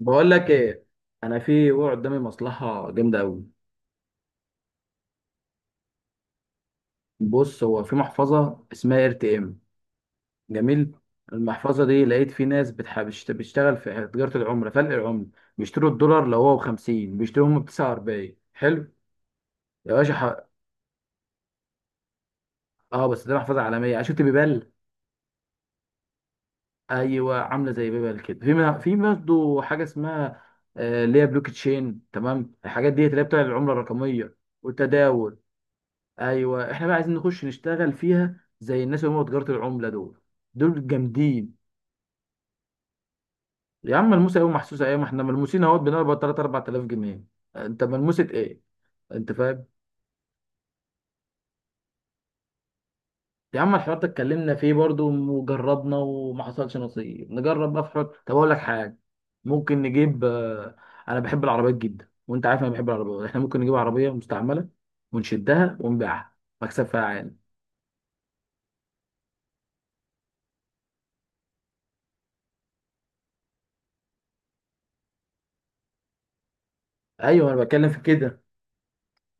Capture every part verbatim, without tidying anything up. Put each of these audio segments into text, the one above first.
بقول لك ايه. انا في وقع قدامي مصلحه جامده قوي. بص، هو في محفظه اسمها ار تي ام. جميل. المحفظه دي لقيت في ناس بتح- بتشت- بتشتغل في تجاره العمله، فلق العمله. بيشتروا الدولار لو هو ب خمسين بيشتروا هم ب تسعة وأربعين. حلو. يا باشا ح- اه بس دي محفظه عالميه عشان شفت بيبال. ايوه، عامله زي بيبال كده. في منها- في برضه حاجه اسمها آه، اللي هي بلوك تشين. تمام، الحاجات دي اللي هي بتاع العمله الرقميه والتداول. ايوه احنا بقى عايزين نخش نشتغل فيها زي الناس اللي هم تجاره العمله دول. دول جامدين. يا عم ملموسه ايه ومحسوسه ايه، ما احنا ملموسين اهوت، بنقبض تلاته اربع تلاف جنيه. انت ملموسه ايه؟ انت فاهم؟ يا عم الحوار ده اتكلمنا فيه برضو وجربنا وما حصلش نصيب. نجرب بقى في حوار. طب اقول لك حاجه، ممكن نجيب آه، انا بحب العربيات جدا وانت عارف انا بحب العربيات. احنا ممكن نجيب عربيه مستعمله ونشدها ونبيعها. مكسب فيها عالي. ايوه انا بتكلم في كده.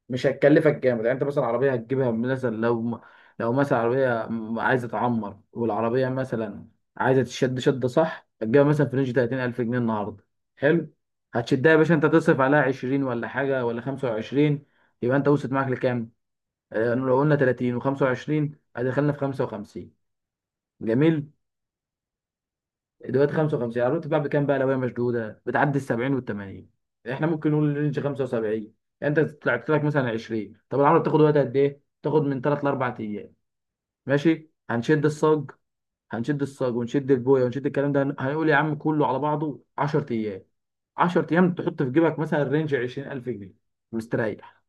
مش هتكلفك جامد يعني. انت مثلا عربيه هتجيبها مثلا، لو لو مثلا عربيه م- عايزه تعمر، والعربيه مثلا عايزه تشد شده، صح، هتجيبها مثلا في رينج ثلاثين الف جنيه النهارده. حلو. هتشدها يا باشا، انت تصرف عليها عشرين ولا حاجه ولا خمسة وعشرين. يبقى انت وصلت معاك لكام؟ آه، لو قلنا تلاتين و25 هدخلنا في خمسه وخمسين. جميل. دلوقتي خمسه وخمسين العربية بتتباع بكام بقى؟ لو هي مشدودة بتعدي ال سبعين وال تمانين. احنا ممكن نقول رينج خمسه وسبعين. يعني انت طلعت لك مثلا عشرين. طب العربية بتاخد وقت قد ايه؟ بتاخد من تلاته ل اربع ايام. ماشي، هنشد الصاج. هنشد الصاج ونشد البوية ونشد الكلام ده، هن- هنقول يا عم كله على بعضه عشرة ايام. عشرة ايام تحط في جيبك مثلا رينج عشرين الف جنيه. مستريح.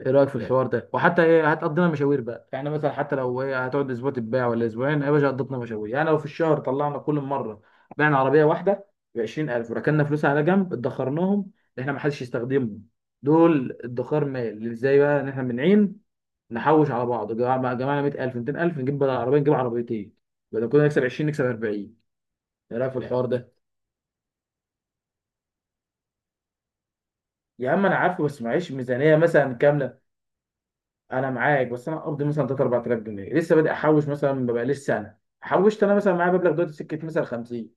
ايه رايك في الحوار ده؟ وحتى ايه، هتقضينا مشاوير بقى يعني. مثلا حتى لو ايه، هتقعد اسبوع تتباع ولا اسبوعين، أيوة يا باشا قضتنا مشاوير يعني. لو في الشهر طلعنا كل مره بعنا عربيه واحده ب عشرين الف وركننا فلوسها على جنب، ادخرناهم، اللي احنا ما حدش يستخدمهم. دول ادخار مال. ازاي بقى؟ ان احنا من عين نحوش على بعض، جمع- جمعنا ميت الف ميتين الف نجيب بدل عربيه نجيب عربيتين. بدل كنا نكسب عشرين نكسب اربعين. ايه رايك في الحوار ده؟ يا عم انا عارفه بس معيش ميزانيه مثلا كامله. انا معاك بس انا قبضي مثلا تلاته اربعه الاف جنيه. لسه بادئ احوش مثلا. ببقى لسه سنه حوشت انا. مثلا معايا مبلغ دلوقتي سكه مثلا خمسين.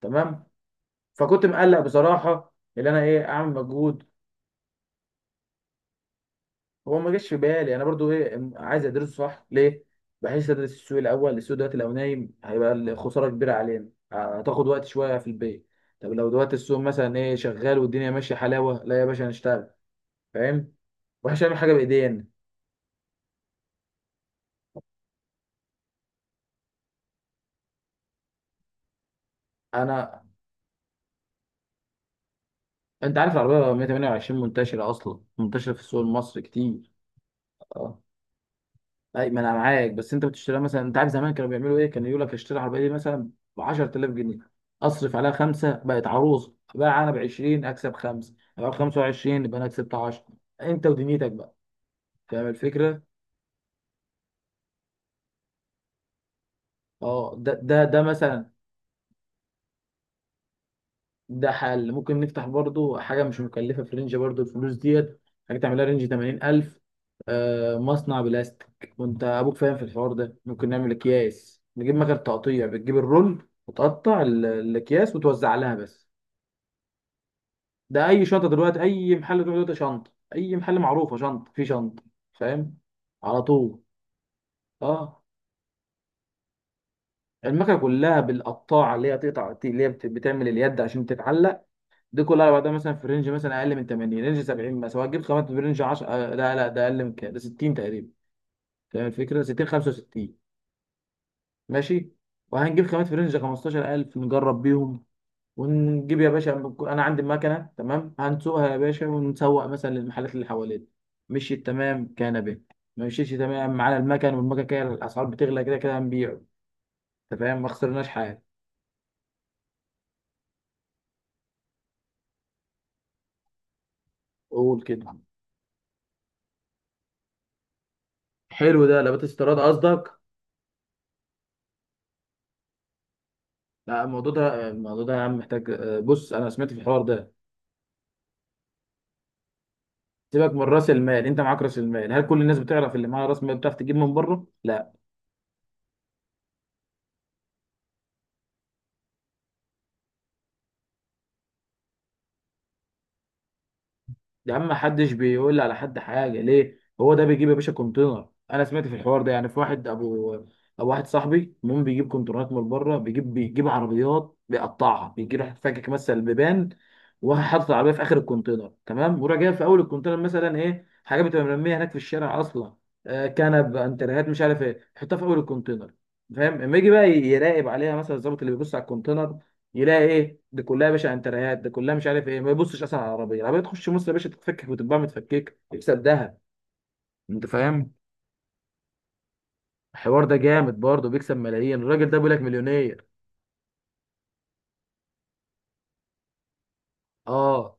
تمام. فكنت مقلق بصراحه ان انا ايه، اعمل مجهود. هو ما جاش في بالي انا برضو. ايه، م- عايز ادرسه، صح ليه، بحيث ادرس السوق الاول. السوق دلوقتي لو نايم هيبقى الخساره كبيره علينا. آه، هتاخد وقت شويه في البيت. طب لو دلوقتي السوق مثلا ايه شغال والدنيا ماشيه حلاوه، لا يا باشا هنشتغل. فاهم؟ واحنا مش هنعمل حاجه بايدينا. انا، انت عارف العربية مئة وثمانية وعشرين منتشرة، اصلا منتشرة في السوق المصري كتير. اه. اي ما انا معاك، بس انت بتشتريها مثلا، انت عارف زمان كانوا بيعملوا ايه، كانوا يقول لك اشتري العربية دي مثلا ب عشر تلاف جنيه، اصرف عليها خمسة، بقت عروسة، بقى انا ب عشرين، اكسب خمسة، ابقى ب خمسه وعشرين، يبقى انا كسبت عشره. انت ودنيتك بقى. فاهم الفكرة؟ اه، ده ده ده مثلا. ده حل. ممكن نفتح برضو حاجة مش مكلفة في رينج برضو الفلوس ديت. حاجة تعملها رينج ثمانين الف. آه، مصنع بلاستيك، وانت أبوك فاهم في الحوار ده. ممكن نعمل أكياس، نجيب مكان تقطيع، بتجيب الرول وتقطع ال- الأكياس وتوزع لها بس. ده أي شنطة دلوقتي، أي محل تروح دلوقتي شنطة، أي محل معروفة شنطة في شنطة. فاهم؟ على طول. اه. المكنة كلها بالقطاعة اللي هي تقطع، اللي هي بت- بتعمل اليد عشان تتعلق. دي كلها على بعضها مثلا في رينج مثلا اقل من تمانين، رينج سبعين مثلا. هتجيب خامات في رينج عشره، آه، لا لا، ده اقل من كده، ده ستين تقريبا. فاهم الفكره؟ ستين، خمسه وستين. ماشي. وهنجيب خامات في رينج خمستاشر الف نجرب بيهم ونجيب يا باشا. انا عندي المكنه، تمام. هنسوقها يا باشا، ونسوق مثلا للمحلات اللي حوالينا، مشيت تمام كان به. ما مشيتش تمام معانا المكن، والمكن كده الاسعار بتغلى، كده كده هنبيعه. انت فاهم؟ ما خسرناش حاجه. قول كده. حلو ده. لبات استيراد قصدك؟ لا الموضوع ده الموضوع ده يا عم محتاج، بص انا سمعت في الحوار ده. سيبك من راس المال، انت معاك راس المال. هل كل الناس بتعرف؟ اللي معاها راس مال بتعرف تجيب من بره؟ لا. يا عم محدش بيقول على حد حاجه. ليه؟ هو ده بيجيب يا باشا كونتينر. انا سمعت في الحوار ده يعني، في واحد ابو، ابو واحد صاحبي، المهم بيجيب كونتينرات من بره. بيجيب بيجيب عربيات، بيقطعها، بيجي راح فاكك مثلا البيبان وحاطط العربيه في اخر الكونتينر، تمام، وراح جايب في اول الكونتينر مثلا ايه، حاجه بتبقى مرميه هناك في الشارع اصلا، آه، كنب، انتريهات، مش عارف ايه، يحطها في اول الكونتينر. فاهم؟ اما يجي بقى يراقب عليها مثلا الظابط اللي بيبص على الكونتينر، يلاقي ايه دي كلها يا باشا، انتريهات دي كلها مش عارف ايه، ما يبصش اصلا على العربيه. العربيه تخش مصر يا باشا، تتفكك وتتباع متفكك، يكسب ذهب. انت فاهم؟ الحوار ده جامد برضه، بيكسب ملايين الراجل ده، بيقول لك مليونير. اه.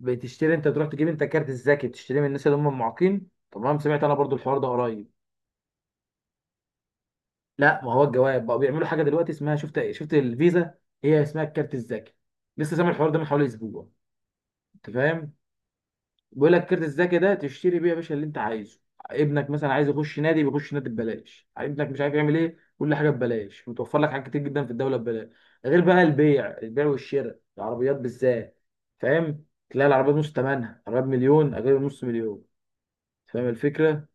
بتشتري انت، تروح تجيب انت كارت الذكي، تشتري من الناس اللي هم المعاقين. تمام، سمعت انا برضه الحوار ده قريب. لا ما هو الجواب بقى، بيعملوا حاجه دلوقتي اسمها، شفت شفت الفيزا، هي اسمها الكارت الذكي. لسه سامع الحوار ده من حوالي اسبوع. انت فاهم؟ بيقول لك كارت الذكي ده تشتري بيه يا باشا اللي انت عايزه. ابنك مثلا عايز يخش نادي، بيخش نادي ببلاش. ابنك مش عارف يعمل ايه، كل حاجه ببلاش. متوفر لك حاجات كتير جدا في الدوله ببلاش. غير بقى البيع، البيع والشراء العربيات بالذات. فاهم؟ تلاقي العربيات نص ثمنها. عربيات مليون اجيبها نص مليون. فاهم الفكره؟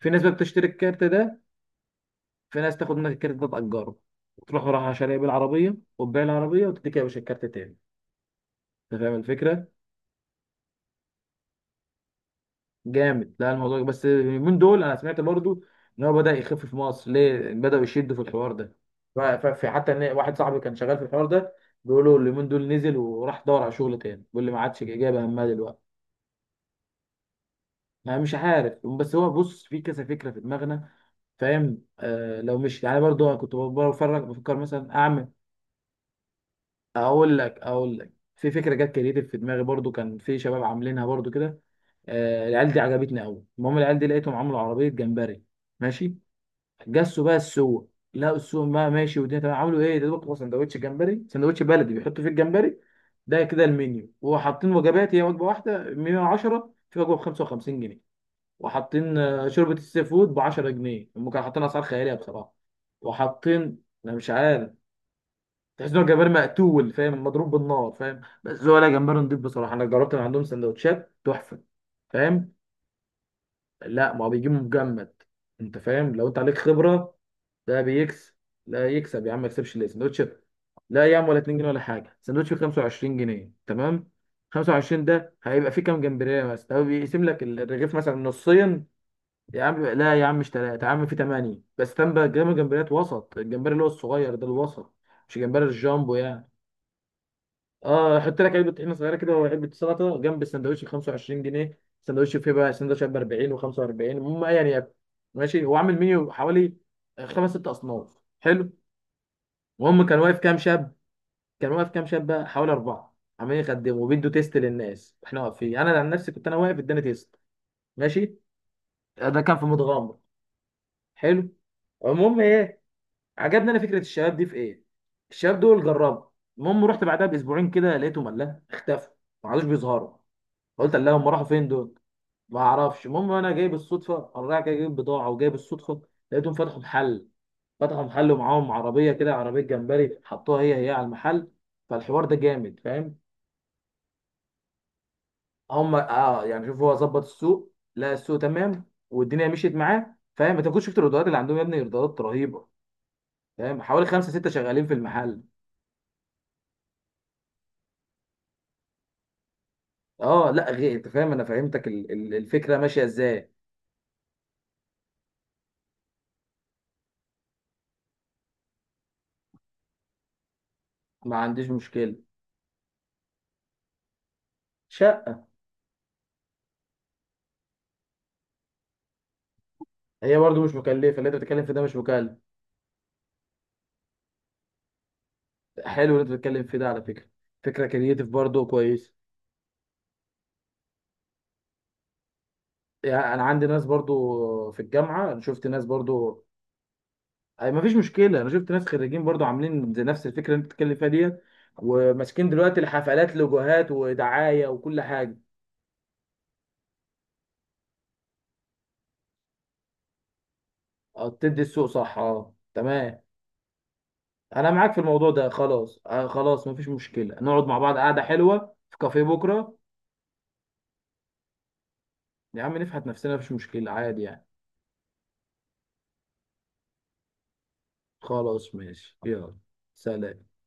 في ناس بقى بتشتري الكارت ده. في ناس تاخد منك الكارت ده، تأجره، وتروح رايح شاريه بالعربيه، وتبيع العربيه، وتديك يا باشا الكارت تاني. انت فاهم الفكره؟ جامد. لا الموضوع بس اليومين دول انا سمعت برضو ان هو بدأ يخف في مصر، ليه بدأوا يشدوا في الحوار ده. ف- ف- في حتى ان واحد صاحبي كان شغال في الحوار ده، بيقولوا اليومين دول نزل وراح دور على شغل تاني. بيقول لي ما عادش جايبه همها دلوقتي. انا مش عارف، بس هو بص، في كذا فكره في دماغنا. فاهم؟ آه، لو مش يعني برضو انا كنت بفرج بفكر مثلا اعمل، اقول لك اقول لك، في فكره جت كريتيف في دماغي برضو. كان في شباب عاملينها برضو كده، آه، العيال دي عجبتني قوي. المهم العيال دي لقيتهم عملوا عربيه جمبري. ماشي. جسوا بقى السوق، لقوا السوق بقى ماشي والدنيا تمام، عملوا ايه، ده بقى سندوتش جمبري، سندوتش بلدي بيحطوا فيه الجمبري. ده كده المنيو، وحاطين وجبات. هي وجبه واحده مئة وعشرة، في وجبه ب خمسه وخمسين جنيه، وحاطين آه، شوربه السي فود ب عشره جنيه. هم كانوا حاطين اسعار خياليه بصراحه. وحاطين، انا مش عارف، تحس ان هو جمبري مقتول، فاهم، مضروب بالنار، فاهم، بس هو لا جمبري نضيف. بصراحه انا جربت من عندهم سندوتشات تحفه. فاهم؟ لا ما هو بيجيبوا مجمد. انت فاهم؟ لو انت عليك خبره. ده بيكسب. لا يكسب يا عم، ما يكسبش ليه سندوتش؟ لا يا عم ولا اتنين جنيه ولا حاجه. سندوتش ب خمسه وعشرين جنيه، تمام، خمسه وعشرين ده هيبقى فيه كام جمبريه مثلا؟ هو بيقسم لك الرغيف مثلا نصين. يا عم بيبقى- لا يا عم مش ثلاثه يا عم، في ثمانيه بس تم بقى، جنب جمبريات وسط، الجمبري اللي هو الصغير ده، الوسط، مش جمبري الجامبو يعني. اه. حط لك علبه طحينه صغيره كده وعلبه سلطه جنب السندوتش ب خمسه وعشرين جنيه. سندوتش فيه بقى سندوتش ب اربعين و45. المهم يعني ياكل. ماشي. هو عامل منيو حوالي خمس ست اصناف. حلو. المهم كان واقف كام شاب. كان واقف كام شاب بقى، حوالي اربعه، عمالين يخدموا وبيدوا تيست للناس. احنا واقفين، انا عن نفسي كنت انا واقف اداني تيست. ماشي. ده كان في متغمر. حلو. المهم ايه، عجبني انا فكره الشباب دي في ايه، الشباب دول جربوا. المهم رحت بعدها باسبوعين كده، لقيتهم الله اختفوا، ما عادوش بيظهروا. قلت اللهم راحوا فين دول؟ ما اعرفش. المهم انا جاي بالصدفه، انا رايح جاي جايب بضاعه، وجاي بالصدفه، لقيتهم فتحوا محل. فتحوا محل ومعاهم عربيه كده، عربيه جمبري حطوها هي هي على المحل. فالحوار ده جامد، فاهم؟ هم اه، يعني شوف، هو ظبط السوق، لقى السوق تمام والدنيا مشيت معاه. فاهم؟ انت كنت شفت الايرادات اللي عندهم يا ابني؟ ايرادات رهيبه. فاهم؟ حوالي خمسه سته شغالين في المحل. اه. لا غير، انت فاهم، انا فهمتك ال- ال- الفكره ماشيه ازاي. ما عنديش مشكله. شقه. هي برضه مش مكلفه اللي انت بتتكلم في ده. مش مكلف. حلو اللي انت بتتكلم في ده على فكره، فكره كرييتيف برضه، كويس. يعني انا عندي ناس برضو في الجامعه، أنا شفت ناس برضو. أي مفيش مشكله. انا شفت ناس خريجين برضو عاملين زي نفس الفكره اللي انت بتتكلم فيها ديت، وماسكين دلوقتي الحفلات لوجوهات ودعايه وكل حاجه. اه، تدي السوق صح، اه تمام. انا معاك في الموضوع ده. خلاص آه خلاص، مفيش مشكله. نقعد مع بعض قعده حلوه في كافيه بكره. يا عم نفحت نفسنا، مفيش مشكله، عادي يعني. خلاص ماشي، يلا. سلام.